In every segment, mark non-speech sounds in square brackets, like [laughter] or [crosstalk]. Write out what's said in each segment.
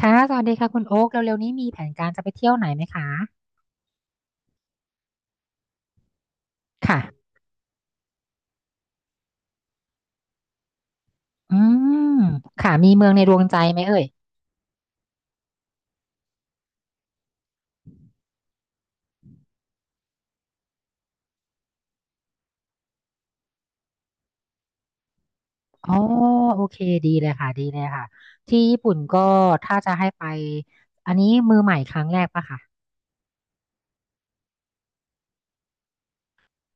ค่ะ สวัสดีค่ะคุณโอ๊คเร็วๆนี้มีแผนการจะไปเที่ยวไหนไหมคะ ค่ะ อืม ค่ะ มีเมืองในดวงใจไหมเอ่ยอ๋อโอเค ดีเลยค่ะ ดีเลยค่ะ ที่ญี่ปุ่นก็ถ้าจะให้ไป อันนี้มือใหม่ครั้งแรกปะคะ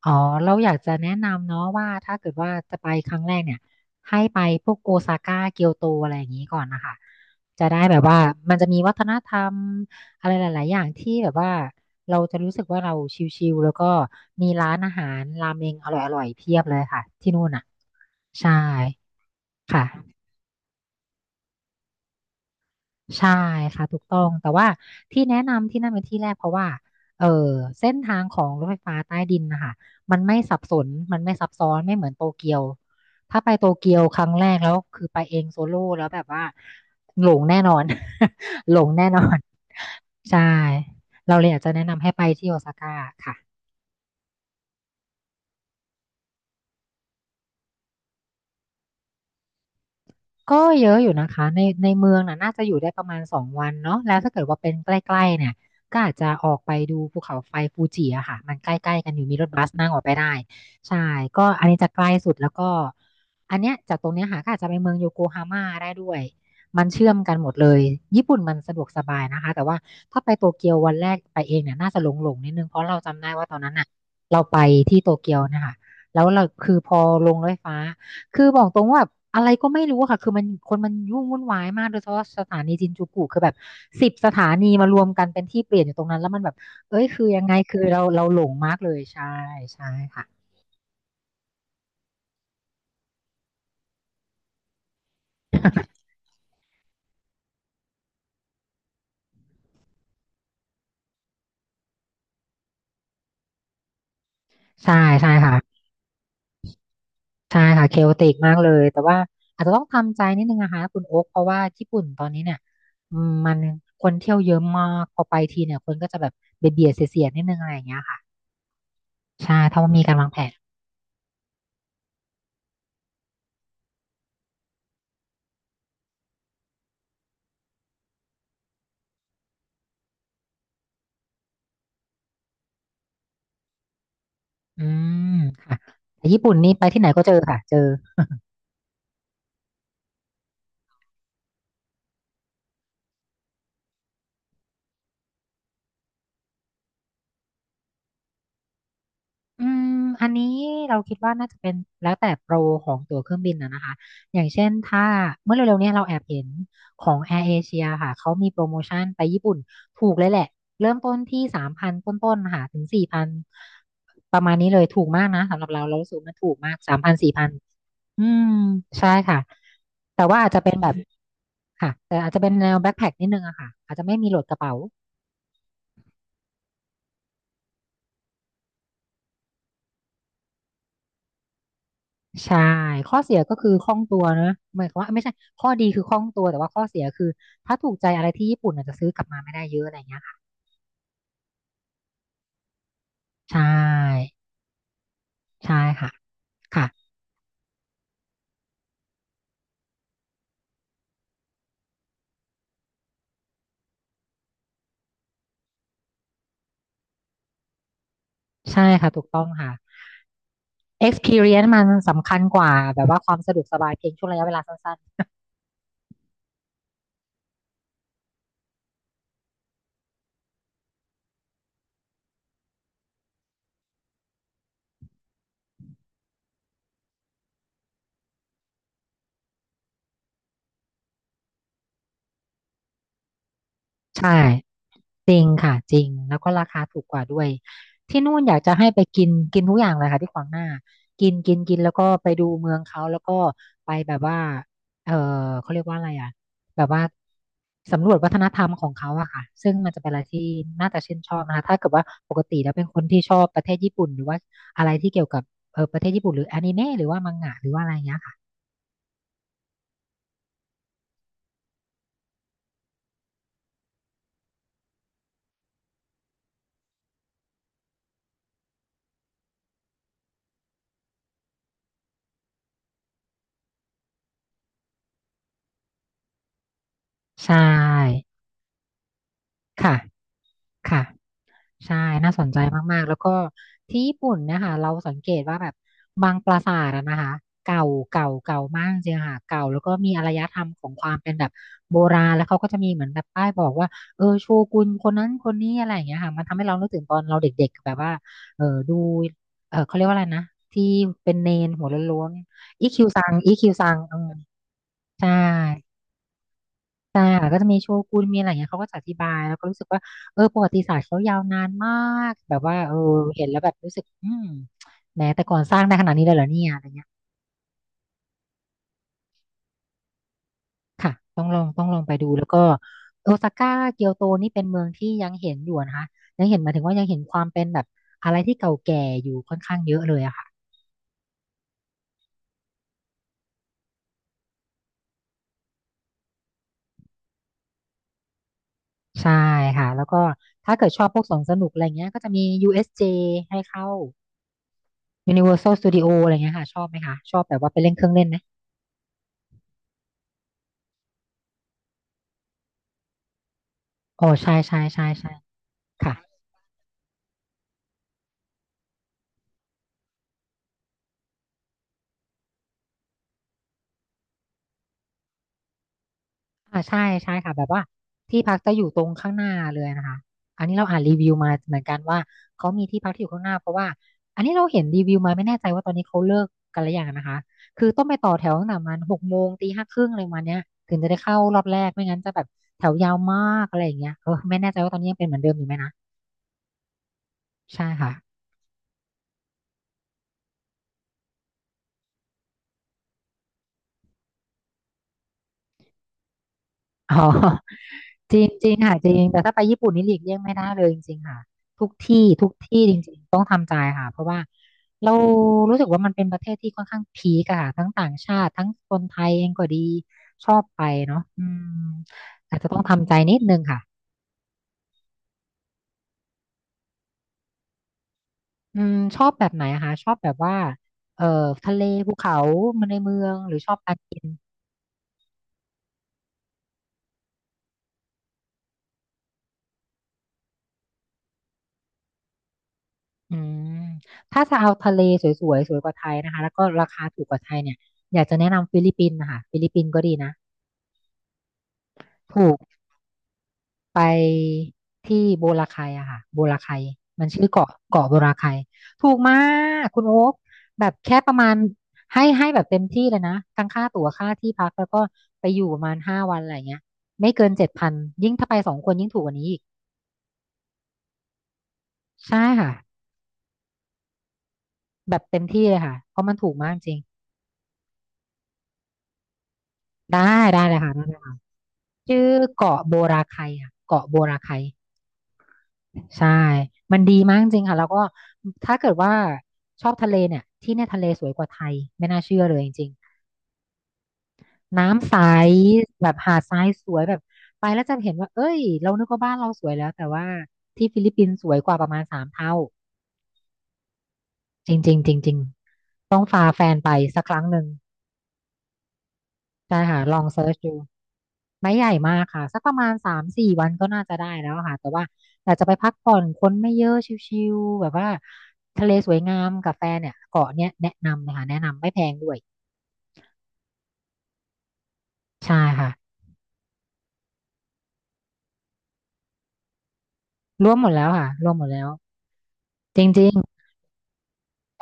อ๋อเราอยากจะแนะนำเนาะว่าถ้าเกิดว่าจะไปครั้งแรกเนี่ยให้ไปพวกโอซาก้าเกียวโตอะไรอย่างนี้ก่อนนะคะจะได้แบบว่ามันจะมีวัฒนธรรมอะไรหลายๆอย่างที่แบบว่าเราจะรู้สึกว่าเราชิลๆแล้วก็มีร้านอาหารรามเมงอร่อยๆเพียบเลยค่ะที่นู่นอ่ะใช่ค่ะ ใช่ค่ะถูกต้องแต่ว่าที่แนะนำที่นั่นเป็นที่แรกเพราะว่าเออเส้นทางของรถไฟฟ้าใต้ดินนะคะมันไม่สับสนมันไม่ซับซ้อนไม่เหมือนโตเกียวถ้าไปโตเกียวครั้งแรกแล้วคือไปเองโซโล่แล้วแบบว่าหลงแน่นอน [laughs] หลงแน่นอนใช่เราเลยอยากจะแนะนำให้ไปที่โอซาก้าค่ะ ก็เยอะอยู่นะคะในเมืองน่ะน่าจะอยู่ได้ประมาณ2 วันเนาะแล้วถ้าเกิดว่าเป็นใกล้ๆเนี่ยก็อาจจะออกไปดูภูเขาไฟฟูจิอะค่ะมันใกล้ๆกันอยู่มีรถบัสนั่งออกไปได้ใช่ก็อันนี้จะใกล้สุดแล้วก็อันเนี้ยจากตรงเนี้ยค่ะก็อาจจะไปเมืองโยโกฮาม่าได้ด้วยมันเชื่อมกันหมดเลยญี่ปุ่นมันสะดวกสบายนะคะแต่ว่าถ้าไปโตเกียววันแรกไปเองเนี่ยน่าจะหลงๆนิดนึงเพราะเราจำได้ว่าตอนนั้นน่ะเราไปที่โตเกียวนะคะแล้วเราคือพอลงรถไฟฟ้า คือบอกตรงว่าแบบอะไรก็ไม่รู้อะค่ะคือมันคนมันยุ่งวุ่นวายมากโดยเฉพาะสถานีจินจูกุคือแบบ10 สถานีมารวมกันเป็นที่เปลี่ยนอยู่ตรงนั้นแล้วมันแบบเอ้ยคือยังไงคือเราหลงมากเลยใช่ใช่ค่ะใช่ใช่ค่ะใช่ค่ะเคโอติกมากเลยแต่ว่าอาจจะต้องทำใจนิดนึงนะคะคุณโอ๊คเพราะว่าญี่ปุ่นตอนนี้เนี่ยมันคนเที่ยวเยอะมากพอไปทีเนี่ยคนก็จะแบบเบียดเบียดเสียดๆนิดนึงอะไรอย่างเงี้ยค่ะใช่ถ้าว่ามีการวางแผนอืมค่ะแต่ญี่ปุ่นนี่ไปที่ไหนก็เจอค่ะเจอ อืมอันนี้เราคิดว่าน่าจะเป็นแล้วแต่โปรของตั๋วเครื่องบินนะคะ อย่างเช่นถ้าเมื่อเร็วๆเนี้เราแอบเห็นของ Air Asia ค่ะ เขามีโปรโมชั่นไปญี่ปุ่นถูกเลยแหละเริ่มต้นที่สามพันต้นๆค่ะถึงสี่พันประมาณนี้เลยถูกมากนะสำหรับเราเรารู้สึกว่ามันถูกมากสามพันสี่พันอืมใช่ค่ะแต่ว่าอาจจะเป็นแบบค่ะแต่อาจจะเป็นแนวแบ็คแพ็คนิดนึงอะค่ะอาจจะไม่มีโหลดกระเป๋า ใช่ ข้อเสียก็คือคล่องตัวนะหมายความว่าไม่ใช่ ข้อดีคือคล่องตัวแต่ว่าข้อเสียคือถ้าถูกใจอะไรที่ญี่ปุ่นอาจจะซื้อกลับมาไม่ได้เยอะอะไรอย่างเงี้ยค่ะใช่ ใช่ค่ะค่ะ ใช่ค่ะ ถูกต้องค่ะ experience มันสำคัญกว่าแบบว่าความสะดวกสบายเพียงช่วงระยะเวลาสั้นๆ ใช่จริงค่ะจริงแล้วก็ราคาถูกกว่าด้วยที่นู่นอยากจะให้ไปกินกินทุกอย่างเลยค่ะที่ขวางหน้ากินกินกินแล้วก็ไปดูเมืองเขาแล้วก็ไปแบบว่าเออเขาเรียกว่าอะไรอ่ะแบบว่าสำรวจวัฒนธรรมของเขาอะค่ะซึ่งมันจะเป็นอะไรที่น่าจะชื่นชอบนะคะถ้าเกิดว่าปกติแล้วเป็นคนที่ชอบประเทศญี่ปุ่นหรือว่าอะไรที่เกี่ยวกับประเทศญี่ปุ่นหรืออนิเมะหรือว่ามังงะหรือว่าอะไรเงี้ยค่ะใช่ค่ะค่ะ ใช่น่าสนใจมากๆ แล้วก็ที่ญี่ปุ่นเนะคะเราสังเกตว่าแบบบางปราสาทอะนะคะเก่าเก่าเก่ามากจริงๆค่ะเก่าแล้วก็มีอารยธรรมของความเป็นแบบโบราณแล้วเขาก็จะมีเหมือนแบบป้ายบอกว่าโชกุนคนนั้นคนนี้อะไรอย่างเงี้ยค่ะมันทำให้เรานึกถึงตอนเราเด็กๆแบบว่าดูเขาเรียกว่าอะไรนะที่เป็นเนนหัวโล้นๆอีคิวซังอีคิวซังอืมใช่ ใช่ค่ะก็จะมีโชกุนมีอะไรอย่างเงี้ยเขาก็จะอธิบายแล้วก็รู้สึกว่าประวัติศาสตร์เขายาวนานมากแบบว่าเห็นแล้วแบบรู้สึกแหมแต่ก่อนสร้างได้ขนาดนี้เลยเหรอเนี่ยอะไรเงี้ยค่ะต้องลองต้องลองไปดูแล้วก็โอซาก้าเกียวโตนี่เป็นเมืองที่ยังเห็นอยู่นะคะยังเห็นหมายถึงว่ายังเห็นความเป็นแบบอะไรที่เก่าแก่อยู่ค่อนข้างเยอะเลยอะค่ะใช่ค่ะแล้วก็ถ้าเกิดชอบพวกสวนสนุกอะไรเงี้ยก็จะมี USJ ให้เข้า Universal Studio อะไรเงี้ยค่ะชอบไหมคะชอบแบบว่าไปเล่นเครื่องเล่นไหมอ๋อใช่ใช่ใช่ใช่ ค่ะอ่าใช่ใช่ค่ะแบบว่าที่พักจะอยู่ตรงข้างหน้าเลยนะคะ อันนี้เราอ่านรีวิวมาเหมือนกันว่าเขามีที่พักที่อยู่ข้างหน้าเพราะว่าอันนี้เราเห็นรีวิวมาไม่แน่ใจว่าตอนนี้เขาเลิกกันหรือยังนะคะคือต้องไปต่อแถวตั้งแต่ประมัน6 โมงตี 5 ครึ่งอะไรประมาณเนี้ยถึงจะได้เข้ารอบแรกไม่งั้นจะแบบแถวยาวมากอะไรอย่างเงี้ยไม่แน่ใจว่าตอนนี้ยังเป็นเหมือนเดิมอยู่ไหมนะใช่ค่ะอ๋อ [laughs] จริงจริงค่ะจริงแต่ถ้าไปญี่ปุ่นนี่หลีกเลี่ยงไม่ได้เลยจริงๆค่ะทุกที่ทุกที่จริง เรารู้สึกว่ามันเป็นประเทศที่ค่อนข้างพีกอะค่ะทั้งต่างชาติทั้งคนไทยเองก็ดีชอบไปเนาะอืมอาจจะต้องทำใจนิดนึงค่ะอืมชอบแบบไหนอะคะชอบแบบว่าเอ่อทะเลภูเขามันในเมืองหรือชอบการกินอืมถ้าจะเอาทะเลสวยๆสวยกว่าไทยนะคะแล้วก็ราคาถูกกว่าไทยเนี่ยอยากจะแนะนำฟิลิปปินส์นะคะฟิลิปปินส์ก็ดีนะถูก ไปที่โบราไคอะค่ะโบราไคมันชื่อเกาะเกาะโบราไคถูกมากคุณโอ๊คแบบแค่ประมาณให้แบบเต็มที่เลยนะทั้งค่าตั๋วค่าที่พักแล้วก็ไปอยู่ประมาณ5 วันอะไรเงี้ยไม่เกิน7,000ยิ่งถ้าไป2 คนยิ่งถูกกว่านี้อีกใช่ค่ะแบบเต็มที่เลยค่ะเพราะมันถูกมากจริงได้ได้เลยค่ะได้เลยค่ะชื่อเกาะโบราไคอะเกาะโบราไค ใช่ มันดีมากจริงค่ะ แล้วก็ถ้าเกิดว่าชอบทะเลเนี่ย ที่เนี่ยทะเลสวยกว่าไทย ไม่น่าเชื่อเลยจริงๆ น้ำใสแบบหาดทรายสวยแบบไปแล้วจะเห็นว่า เอ้ย เรานึกว่าบ้านเราสวยแล้วแต่ว่าที่ฟิลิปปินส์สวยกว่าประมาณ3 เท่าจริงๆจริงๆต้องพาแฟนไปสักครั้งหนึ่ง ใช่ค่ะลองเซิร์ชดูไม่ใหญ่มากค่ะสักประมาณ3-4 วันก็น่าจะได้แล้วค่ะแต่ว่าอยากจะไปพักผ่อนคนไม่เยอะชิลๆแบบว่าทะเลสวยงามกับแฟนเนี่ยเกาะเนี้ยแนะนำนะคะแนะนำไม่แพงด้วยใช่ค่ะรวมหมดแล้วค่ะรวมหมดแล้วจริง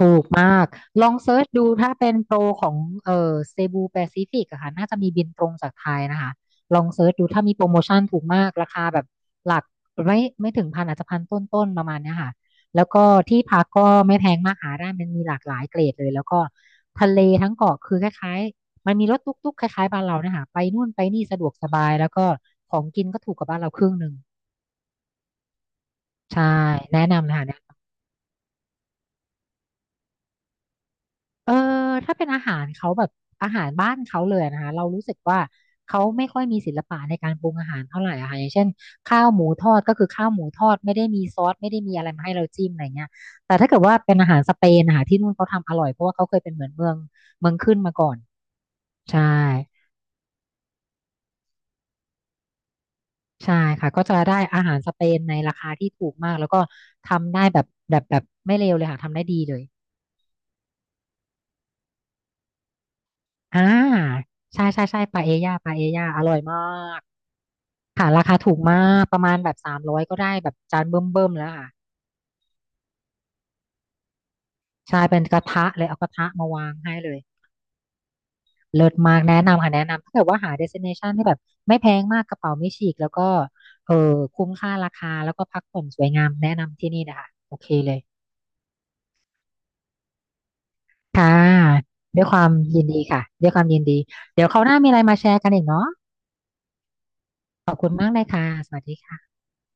ถูกมากลองเซิร์ชดูถ้าเป็นโปรของเซบูแปซิฟิกอะค่ะน่าจะมีบินตรงจากไทยนะคะลองเซิร์ชดูถ้ามีโปรโมชั่นถูกมากราคาแบบหลักไม่ถึงพันอาจจะพันต้นๆประมาณเนี้ยค่ะแล้วก็ที่พักก็ไม่แพงมากหาได้มันมีหลากหลายเกรดเลยแล้วก็ทะเลทั้งเกาะคือคล้ายๆมันมีรถตุ๊กๆคล้ายๆบ้านเราเนี่ยค่ะไปนู่นไปนี่สะดวกสบายแล้วก็ของกินก็ถูกกว่าบ้านเราครึ่งหนึ่งใช่แนะนำเลค่ะ เออถ้าเป็นอาหารเขาแบบอาหารบ้านเขาเลยนะคะเรารู้สึกว่าเขาไม่ค่อยมีศิลปะในการปรุงอาหารเท่าไหร่อะค่ะอย่างเช่นข้าวหมูทอดก็คือข้าวหมูทอดไม่ได้มีซอสไม่ได้มีอะไรมาให้เราจิ้มอะไรเงี้ยแต่ถ้าเกิดว่าเป็นอาหารสเปนนะคะที่นู่นเขาทำอร่อยเพราะว่าเขาเคยเป็นเหมือนเมืองขึ้นมาก่อนใช่ใช่ค่ะก็จะได้อาหารสเปนในราคาที่ถูกมากแล้วก็ทำได้แบบไม่เลวเลยค่ะทำได้ดีเลยอ่าใช่ใช่ใช่ปาเอญ่าปาเอญ่าอร่อยมาก ค่ะราคาถูกมากประมาณแบบ300ก็ได้แบบจานเบิ่มๆแล้วค่ะใช่เป็นกระทะเลยเอากระทะมาวางให้เลยเลิศมากแนะนำค่ะแนะนำถ้าเกิดว่าหา destination ที่แบบไม่แพงมากกระเป๋าไม่ฉีกแล้วก็เออคุ้มค่าราคาแล้วก็พักผ่อนสวยงามแนะนำที่นี่นะคะโอเคเลยค่ะด้วยความยินดีค่ะด้วยความยินดีเดี๋ยวคราวหน้ามีอะไรมาแชร์กันอีกเนาะขอบคุณมากเลยค่ะสวัสดีค่ะ